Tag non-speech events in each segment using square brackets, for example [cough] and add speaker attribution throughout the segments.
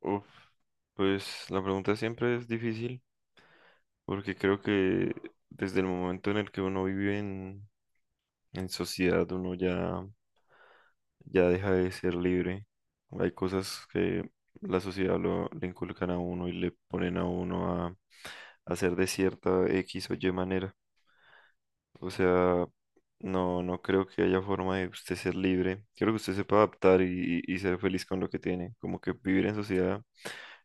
Speaker 1: Uf, pues la pregunta siempre es difícil porque creo que desde el momento en el que uno vive en sociedad uno ya deja de ser libre. Hay cosas que la sociedad le inculcan a uno y le ponen a uno a hacer de cierta X o Y manera. O sea, no creo que haya forma de usted ser libre. Creo que usted sepa adaptar y ser feliz con lo que tiene. Como que vivir en sociedad.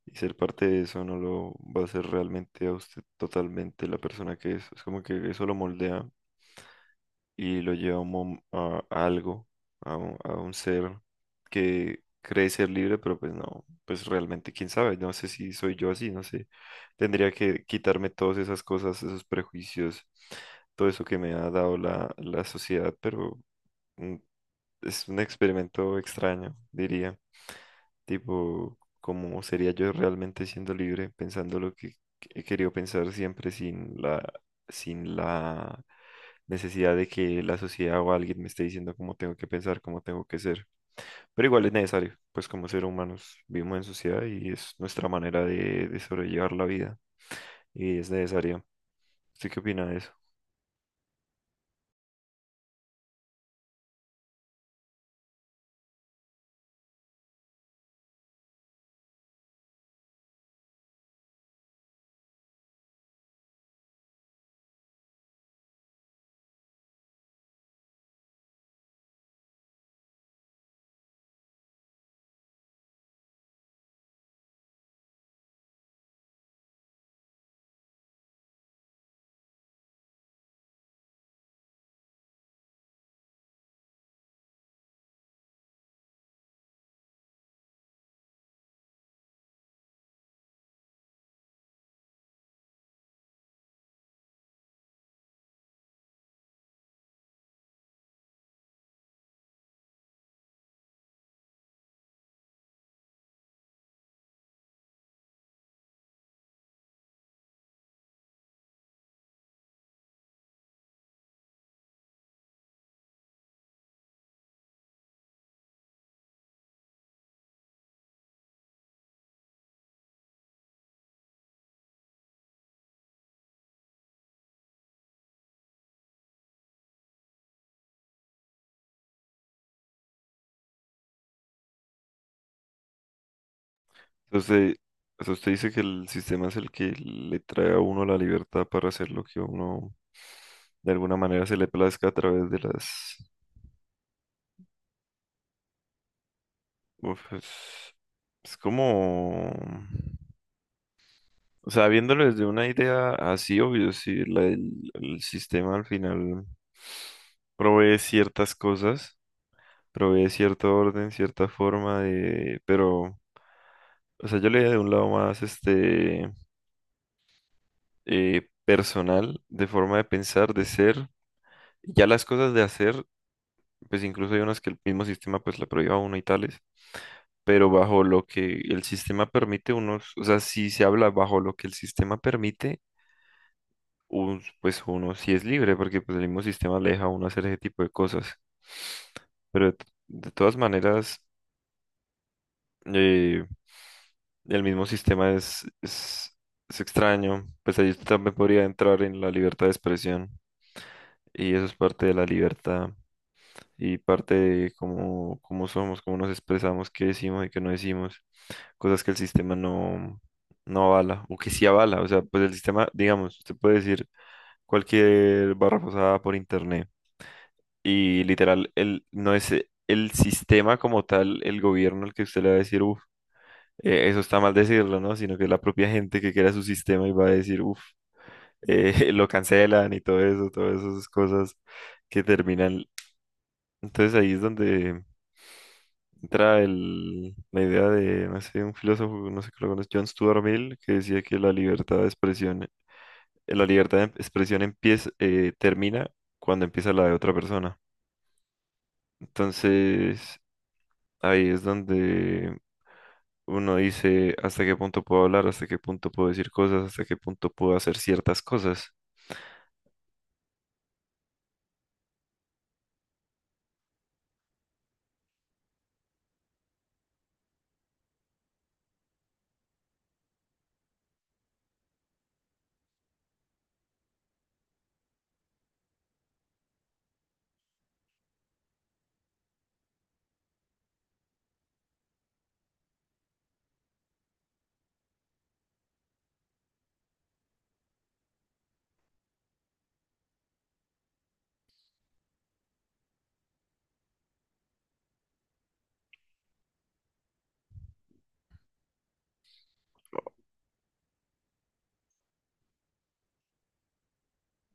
Speaker 1: Y ser parte de eso no lo va a hacer realmente a usted totalmente la persona que es. Es como que eso lo moldea y lo lleva a algo, a un ser que cree ser libre, pero pues no, pues realmente quién sabe, no sé si soy yo así, no sé. Tendría que quitarme todas esas cosas, esos prejuicios, todo eso que me ha dado la sociedad, pero mm, es un experimento extraño, diría. Tipo, ¿cómo sería yo realmente siendo libre, pensando lo que he querido pensar siempre sin la necesidad de que la sociedad o alguien me esté diciendo cómo tengo que pensar, cómo tengo que ser? Pero igual es necesario, pues como seres humanos vivimos en sociedad y es nuestra manera de sobrellevar la vida y es necesaria. ¿Usted qué opina de eso? Entonces, o sea, usted dice que el sistema es el que le trae a uno la libertad para hacer lo que uno de alguna manera se le plazca a través de las... Uf, es, es como... O sea, viéndolo desde una idea así, obvio, si el sistema al final provee ciertas cosas, provee cierto orden, cierta forma de... Pero, o sea, yo le de un lado más este personal, de forma de pensar, de ser, ya las cosas de hacer, pues incluso hay unas que el mismo sistema pues la prohíba a uno y tales, pero bajo lo que el sistema permite, unos, o sea, si se habla bajo lo que el sistema permite, pues uno sí es libre, porque pues el mismo sistema le deja a uno hacer ese tipo de cosas. Pero de todas maneras, eh, el mismo sistema es extraño, pues ahí también podría entrar en la libertad de expresión, y eso es parte de la libertad. Y parte de cómo, cómo somos, cómo nos expresamos, qué decimos y qué no decimos. Cosas que el sistema no, no avala o que sí avala. O sea, pues el sistema, digamos, usted puede decir cualquier barra pasada por internet y literal, no es el sistema como tal, el gobierno el que usted le va a decir, uff, eso está mal decirlo, ¿no? Sino que es la propia gente que crea su sistema y va a decir, uff, [laughs] lo cancelan y todo eso, todas esas cosas que terminan. Entonces ahí es donde entra la idea de, no sé, un filósofo, no sé que lo conoce, John Stuart Mill, que decía que la libertad de la libertad de expresión termina cuando empieza la de otra persona. Entonces, ahí es donde uno dice hasta qué punto puedo hablar, hasta qué punto puedo decir cosas, hasta qué punto puedo hacer ciertas cosas.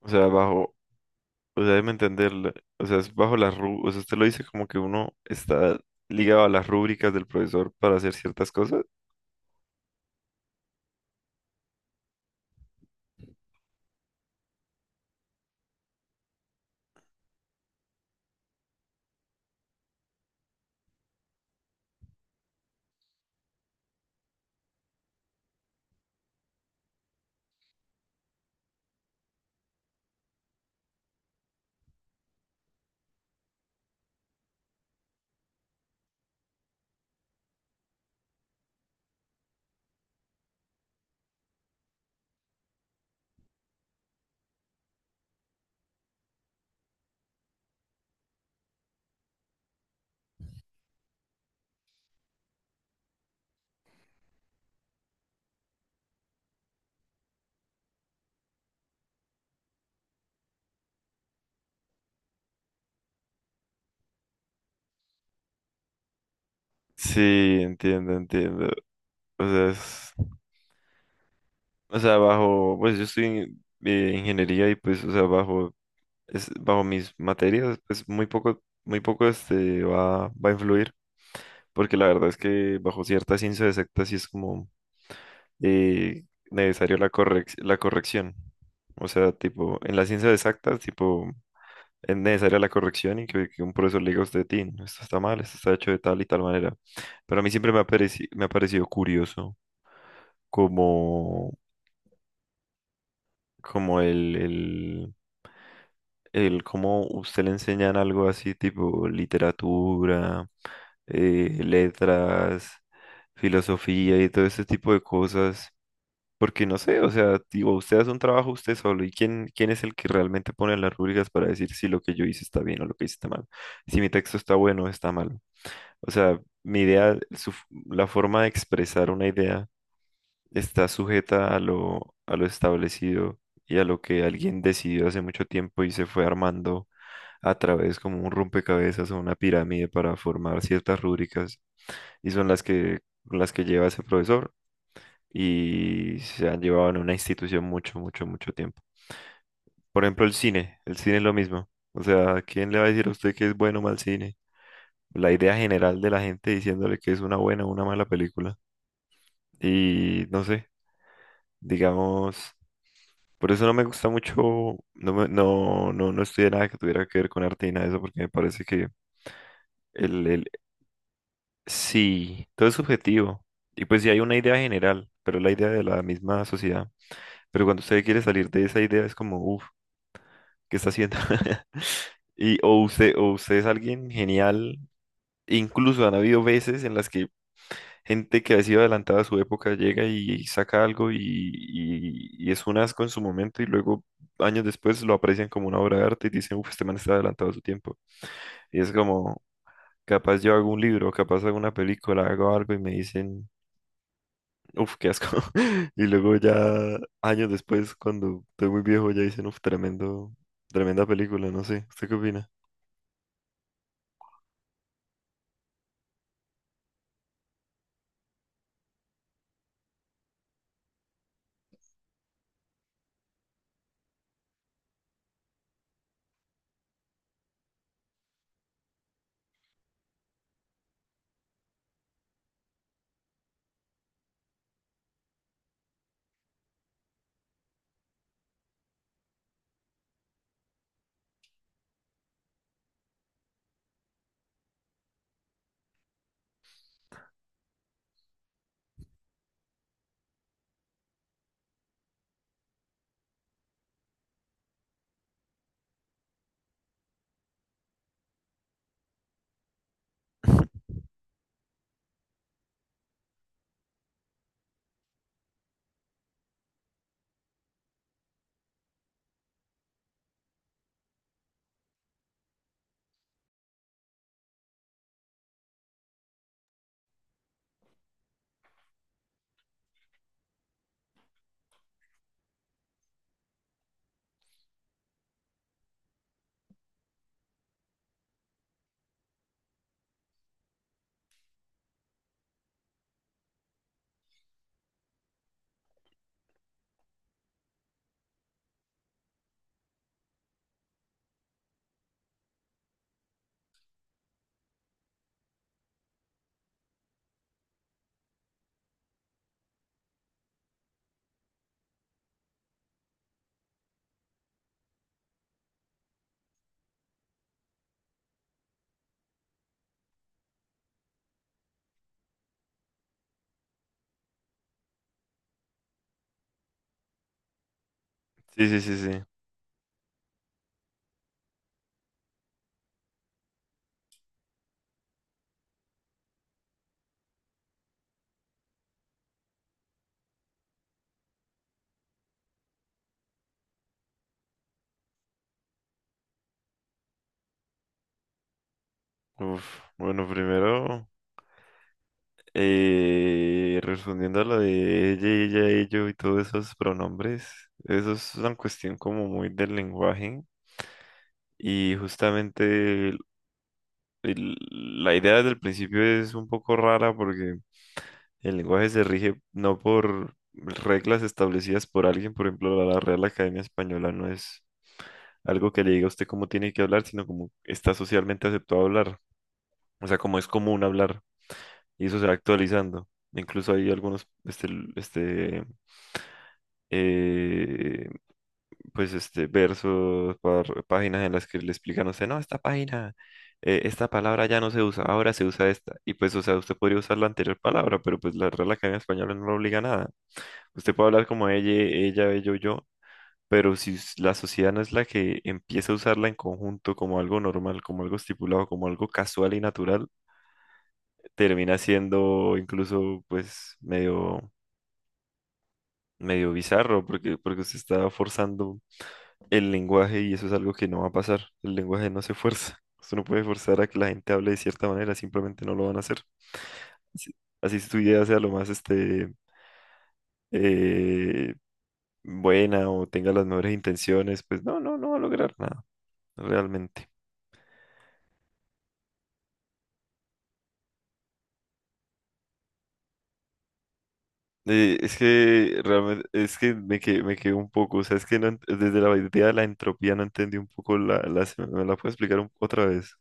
Speaker 1: O sea, bajo, o sea, déjeme entender, o sea, es bajo las o sea, usted lo dice como que uno está ligado a las rúbricas del profesor para hacer ciertas cosas. Sí, entiendo, entiendo. O sea, o sea, bajo, pues yo estoy en ingeniería y pues, o sea, bajo, es, bajo mis materias, pues muy poco este va a influir, porque la verdad es que bajo cierta ciencia exacta sí es como eh, necesario la la corrección. O sea, tipo, en las ciencias exactas, tipo, es necesaria la corrección y que un profesor le diga a usted, Tin, esto está mal, esto está hecho de tal y tal manera. Pero a mí siempre me ha me ha parecido curioso. Como, como el cómo usted le enseñan algo así tipo literatura, letras, filosofía y todo ese tipo de cosas. Porque no sé, o sea, digo, usted hace un trabajo usted solo y quién, quién es el que realmente pone las rúbricas para decir si lo que yo hice está bien o lo que hice está mal, si mi texto está bueno o está mal. O sea, mi idea, la forma de expresar una idea está sujeta a lo establecido y a lo que alguien decidió hace mucho tiempo y se fue armando a través como un rompecabezas o una pirámide para formar ciertas rúbricas y son las que lleva ese profesor y se han llevado en una institución mucho, mucho, mucho tiempo. Por ejemplo, el cine es lo mismo. O sea, ¿quién le va a decir a usted que es bueno o mal cine? La idea general de la gente diciéndole que es una buena o una mala película. Y no sé, digamos... Por eso no me gusta mucho, no, no estudié nada que tuviera que ver con arte y nada de eso, porque me parece que el, el, sí, todo es subjetivo. Y pues sí hay una idea general, pero la idea de la misma sociedad. Pero cuando usted quiere salir de esa idea es como, uff, ¿qué está haciendo? [laughs] Y o usted es alguien genial, incluso han habido veces en las que gente que ha sido adelantada a su época llega y saca algo y es un asco en su momento y luego años después lo aprecian como una obra de arte y dicen, uff, este man está adelantado a su tiempo. Y es como, capaz yo hago un libro, capaz hago una película, hago algo y me dicen, uff, qué asco. [laughs] Y luego ya años después, cuando estoy muy viejo, ya dicen, uff, tremendo, tremenda película, no sé, ¿usted qué opina? Sí, sí, sí, sí. Uf, bueno, primero... respondiendo a lo de ella, ella, ello y todos esos pronombres, eso es una cuestión como muy del lenguaje y justamente el- el- la idea del principio es un poco rara porque el lenguaje se rige no por reglas establecidas por alguien, por ejemplo, la Real Academia Española no es algo que le diga a usted cómo tiene que hablar, sino como está socialmente aceptado hablar, o sea, como es común hablar y eso se va actualizando. Incluso hay algunos eh, pues este versos, páginas en las que le explican a usted, no, esta página, esta palabra ya no se usa, ahora se usa esta. Y pues, o sea, usted podría usar la anterior palabra, pero pues la Real Academia Española no lo obliga a nada. Usted puede hablar como ella, ello, yo, pero la sociedad no es la que empieza a usarla en conjunto como algo normal, como algo estipulado, como algo casual y natural, termina siendo incluso pues medio bizarro porque usted está forzando el lenguaje y eso es algo que no va a pasar. El lenguaje no se fuerza. [laughs] Usted no puede forzar a que la gente hable de cierta manera, simplemente no lo van a hacer. Así así su idea sea lo más eh, buena o tenga las mejores intenciones, pues no, no va a lograr nada, realmente. Es que realmente, es que me quedé un poco, o sea, es que no ent- desde la idea de la entropía no entendí un poco ¿me la puedo explicar otra vez?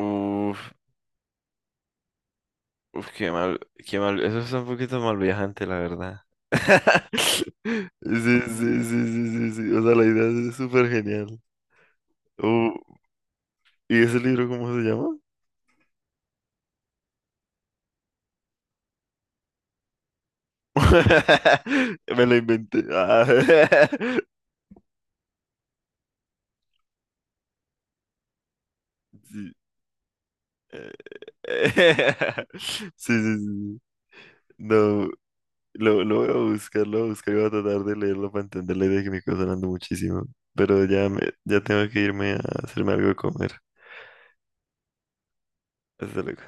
Speaker 1: Uf, uf, qué mal, qué mal. Eso es un poquito mal viajante, la verdad. [laughs] Sí, sí, sí, sí, sí, sí. O sea, la idea es súper genial. Uh, ¿Y ese libro cómo se llama? [laughs] Me lo inventé. Ah. [laughs] Sí. eh, eh. [laughs] Sí, sí, sí. No, lo voy a buscar, lo voy a buscar y voy a tratar de leerlo para entender la idea que me está sonando muchísimo. Pero ya, me, ya tengo que irme a hacerme algo de comer. Hasta luego.